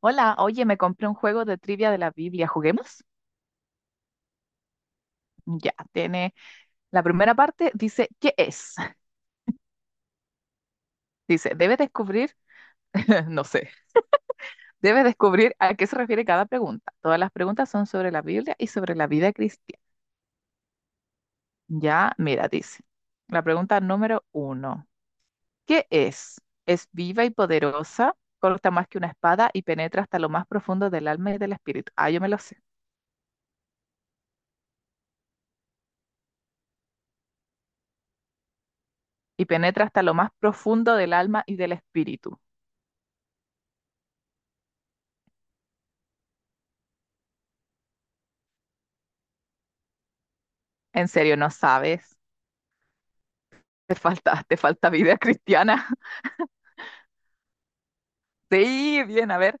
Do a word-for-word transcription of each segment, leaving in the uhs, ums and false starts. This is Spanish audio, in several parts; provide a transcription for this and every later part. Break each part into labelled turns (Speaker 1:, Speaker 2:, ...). Speaker 1: Hola, oye, me compré un juego de trivia de la Biblia. ¿Juguemos? Ya, tiene la primera parte, dice, ¿qué es? Dice, debe descubrir, no sé, debe descubrir a qué se refiere cada pregunta. Todas las preguntas son sobre la Biblia y sobre la vida cristiana. Ya, mira, dice, la pregunta número uno, ¿qué es? Es viva y poderosa, corta más que una espada y penetra hasta lo más profundo del alma y del espíritu. Ah, yo me lo sé. Y penetra hasta lo más profundo del alma y del espíritu. ¿En serio no sabes? Te falta, te falta vida cristiana. Sí, bien, a ver,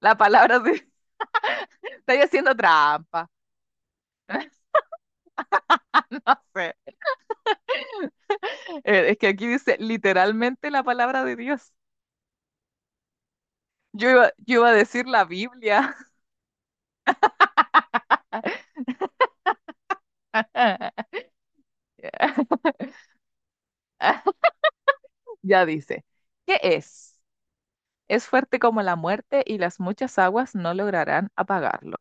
Speaker 1: la palabra de... Estáis haciendo trampa. No sé. Eh, Es que aquí dice literalmente la palabra de Dios. Yo iba, yo iba a decir la Biblia. Ya dice, ¿qué es? Es fuerte como la muerte y las muchas aguas no lograrán apagarlo.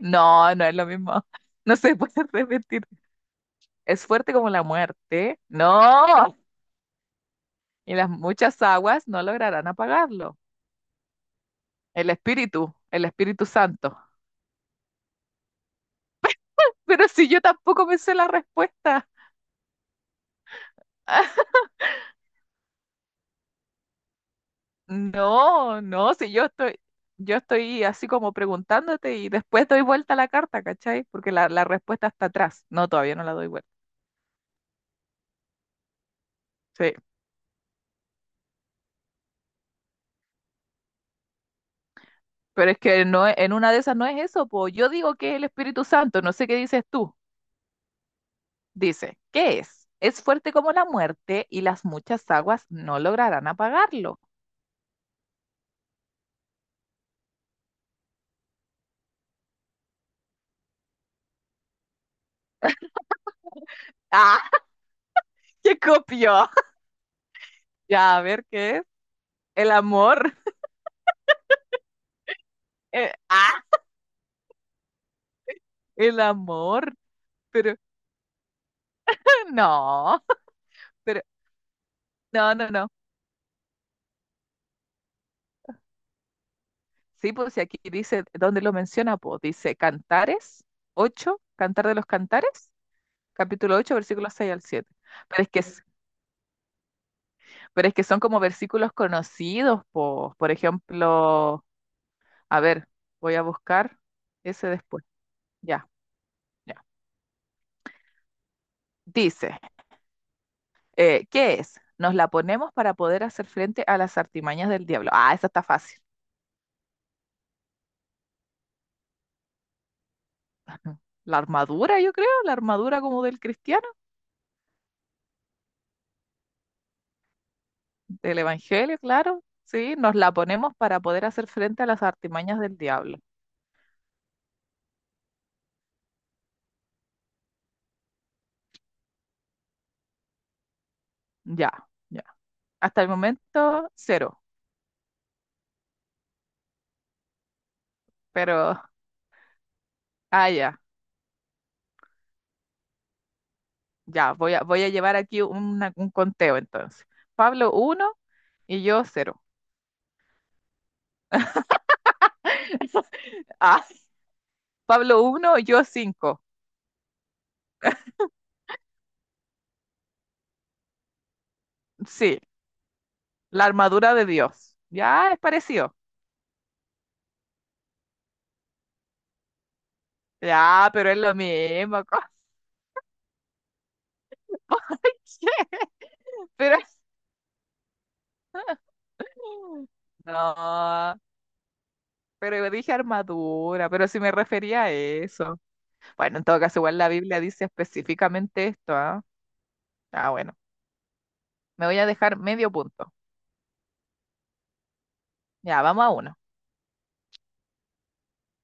Speaker 1: No, no es lo mismo. No se puede repetir. Es fuerte como la muerte. No. Y las muchas aguas no lograrán apagarlo. El Espíritu, el Espíritu Santo. Pero si yo tampoco me sé la respuesta. No, no, si yo estoy, yo estoy así como preguntándote y después doy vuelta a la carta, ¿cachai? Porque la, la respuesta está atrás. No, todavía no la doy vuelta. Sí. Pero es que no, es- en una de esas no es eso, pues yo digo que es el Espíritu Santo, no sé qué dices tú. Dice, ¿qué es? Es fuerte como la muerte y las muchas aguas no lograrán apagarlo. ¡Ah! ¡Qué copió! Ya, a ver, ¿qué es? El amor. Eh, ¡ah! El amor, pero no, pero no, no, no. Sí, pues si aquí dice, ¿dónde lo menciona? Pues dice Cantares ocho, Cantar de los Cantares, capítulo ocho, versículos seis al siete. Pero es que, s- pero es que son como versículos conocidos, pues, por ejemplo, a ver, voy a buscar ese después. Ya, ya. Dice, eh, ¿qué es? Nos la ponemos para poder hacer frente a las artimañas del diablo. Ah, esa está fácil. La armadura, yo creo, la armadura como del cristiano. Del Evangelio, claro. Sí, nos la ponemos para poder hacer frente a las artimañas del diablo. Ya, ya. Hasta el momento, cero. Pero, ah, ya, ya. Voy a, voy a llevar aquí una- un conteo entonces. Pablo uno y yo cero. Ah, Pablo uno, yo cinco. Sí, la armadura de Dios. Ya, es parecido. Ya, pero es lo mismo. ¿Por qué? Pero... No, pero yo dije armadura, pero si me refería a eso. Bueno, en todo caso, igual la Biblia dice específicamente esto, ¿ah? Ah, bueno, me voy a dejar medio punto. Ya, vamos a uno.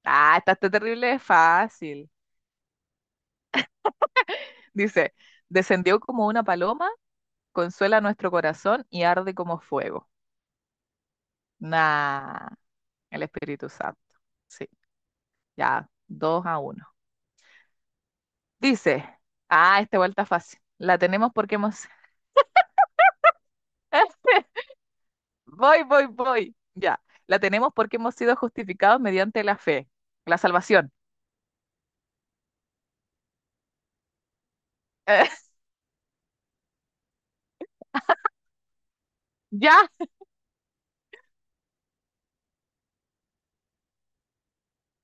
Speaker 1: Ah, esta está terrible, es fácil. Dice, descendió como una paloma, consuela nuestro corazón y arde como fuego. Nah, el Espíritu Santo. Sí, ya, dos a uno. Dice, ah, esta vuelta fácil. La tenemos porque hemos... Voy, voy, voy. Ya. La tenemos porque hemos sido justificados mediante la fe, la salvación. Eh, ya.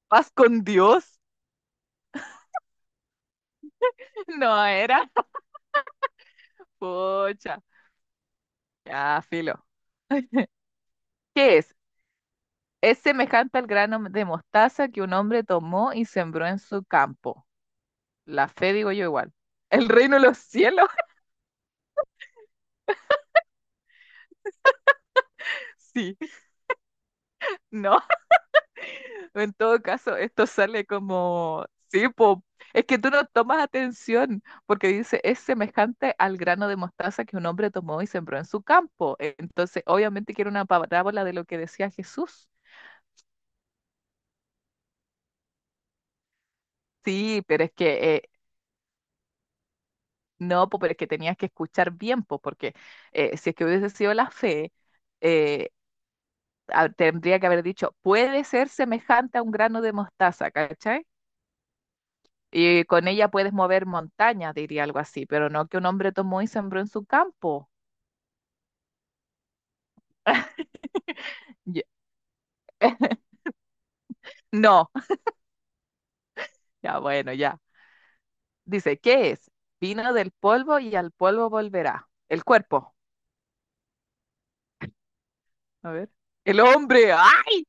Speaker 1: Paz con Dios. No era. Pucha. Ya, filo. ¿Qué es? Es semejante al grano de mostaza que un hombre tomó y sembró en su campo. La fe, digo yo igual. ¿El reino de los cielos? Sí. No. O en todo caso, esto sale como, sí, po, es que tú no tomas atención, porque dice, es semejante al grano de mostaza que un hombre tomó y sembró en su campo. Entonces, obviamente que era una parábola de lo que decía Jesús. Sí, pero es que, eh, no, po, pero es que tenías que escuchar bien, po, porque eh, si es que hubiese sido la fe, eh, a- tendría que haber dicho, puede ser semejante a un grano de mostaza, ¿cachai? Y con ella puedes mover montañas, diría algo así, pero no que un hombre tomó y sembró en su campo. Ya- No, ya bueno, ya. Dice, ¿qué es? Vino del polvo y al polvo volverá. El cuerpo. A ver. El hombre. ¡Ay!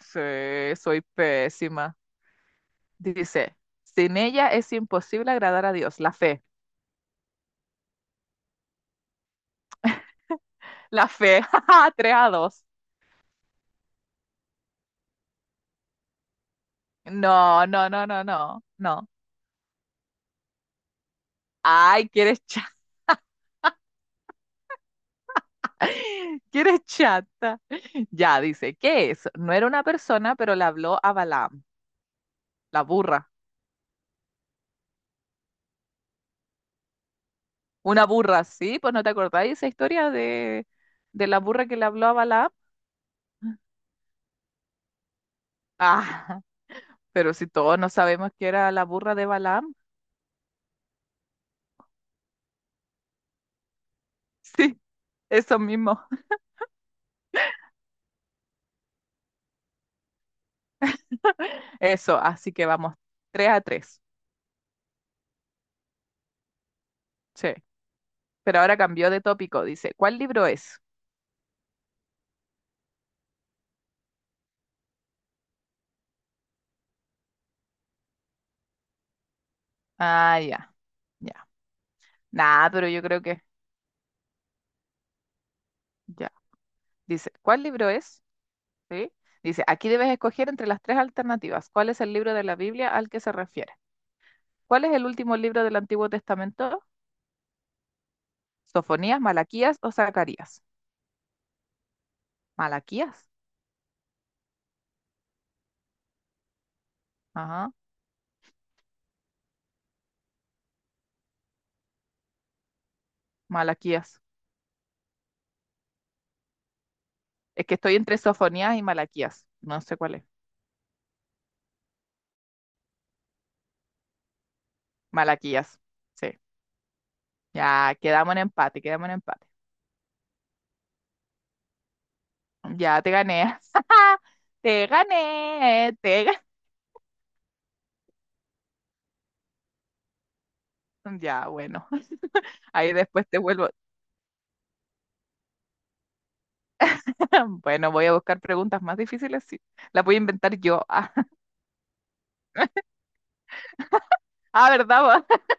Speaker 1: Sí, soy pésima. Dice, sin ella es imposible agradar a Dios. La fe. La fe. ¡Ja, ja! Tres a dos. No, no, no, no, no. No. Ay, quieres que eres chata. Ya, dice, ¿qué es? No era una persona, pero le habló a Balaam, la burra. Una burra, sí, pues no te acordáis esa historia de, de la burra que le habló a Balaam. Ah, pero si todos no sabemos que era la burra de Balaam. Sí, eso mismo. Eso, así que vamos, tres a tres. Sí, pero ahora cambió de tópico. Dice, ¿cuál libro es? Ah, ya, ya. Nah, pero yo creo que ya. Dice, ¿cuál libro es? ¿Sí? Dice, aquí debes escoger entre las tres alternativas. ¿Cuál es el libro de la Biblia al que se refiere? ¿Cuál es el último libro del Antiguo Testamento? ¿Sofonías, Malaquías o Zacarías? Malaquías. Ajá, Malaquías. Es que estoy entre Sofonías y Malaquías. No sé cuál es. Malaquías. Sí. Ya, quedamos en empate, quedamos en empate. Ya te gané. Te gané, te gané. Ya, bueno. Ahí después te vuelvo. Bueno, voy a buscar preguntas más difíciles. Sí. Las voy a inventar yo. Ah, ¿verdad? ¿Vos?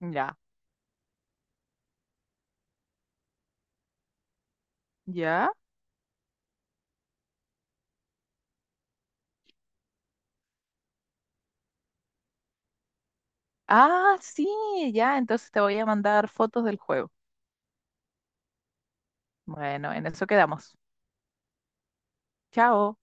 Speaker 1: Ya. ¿Ya? Ah, sí, ya. Entonces te voy a mandar fotos del juego. Bueno, en eso quedamos. Chao.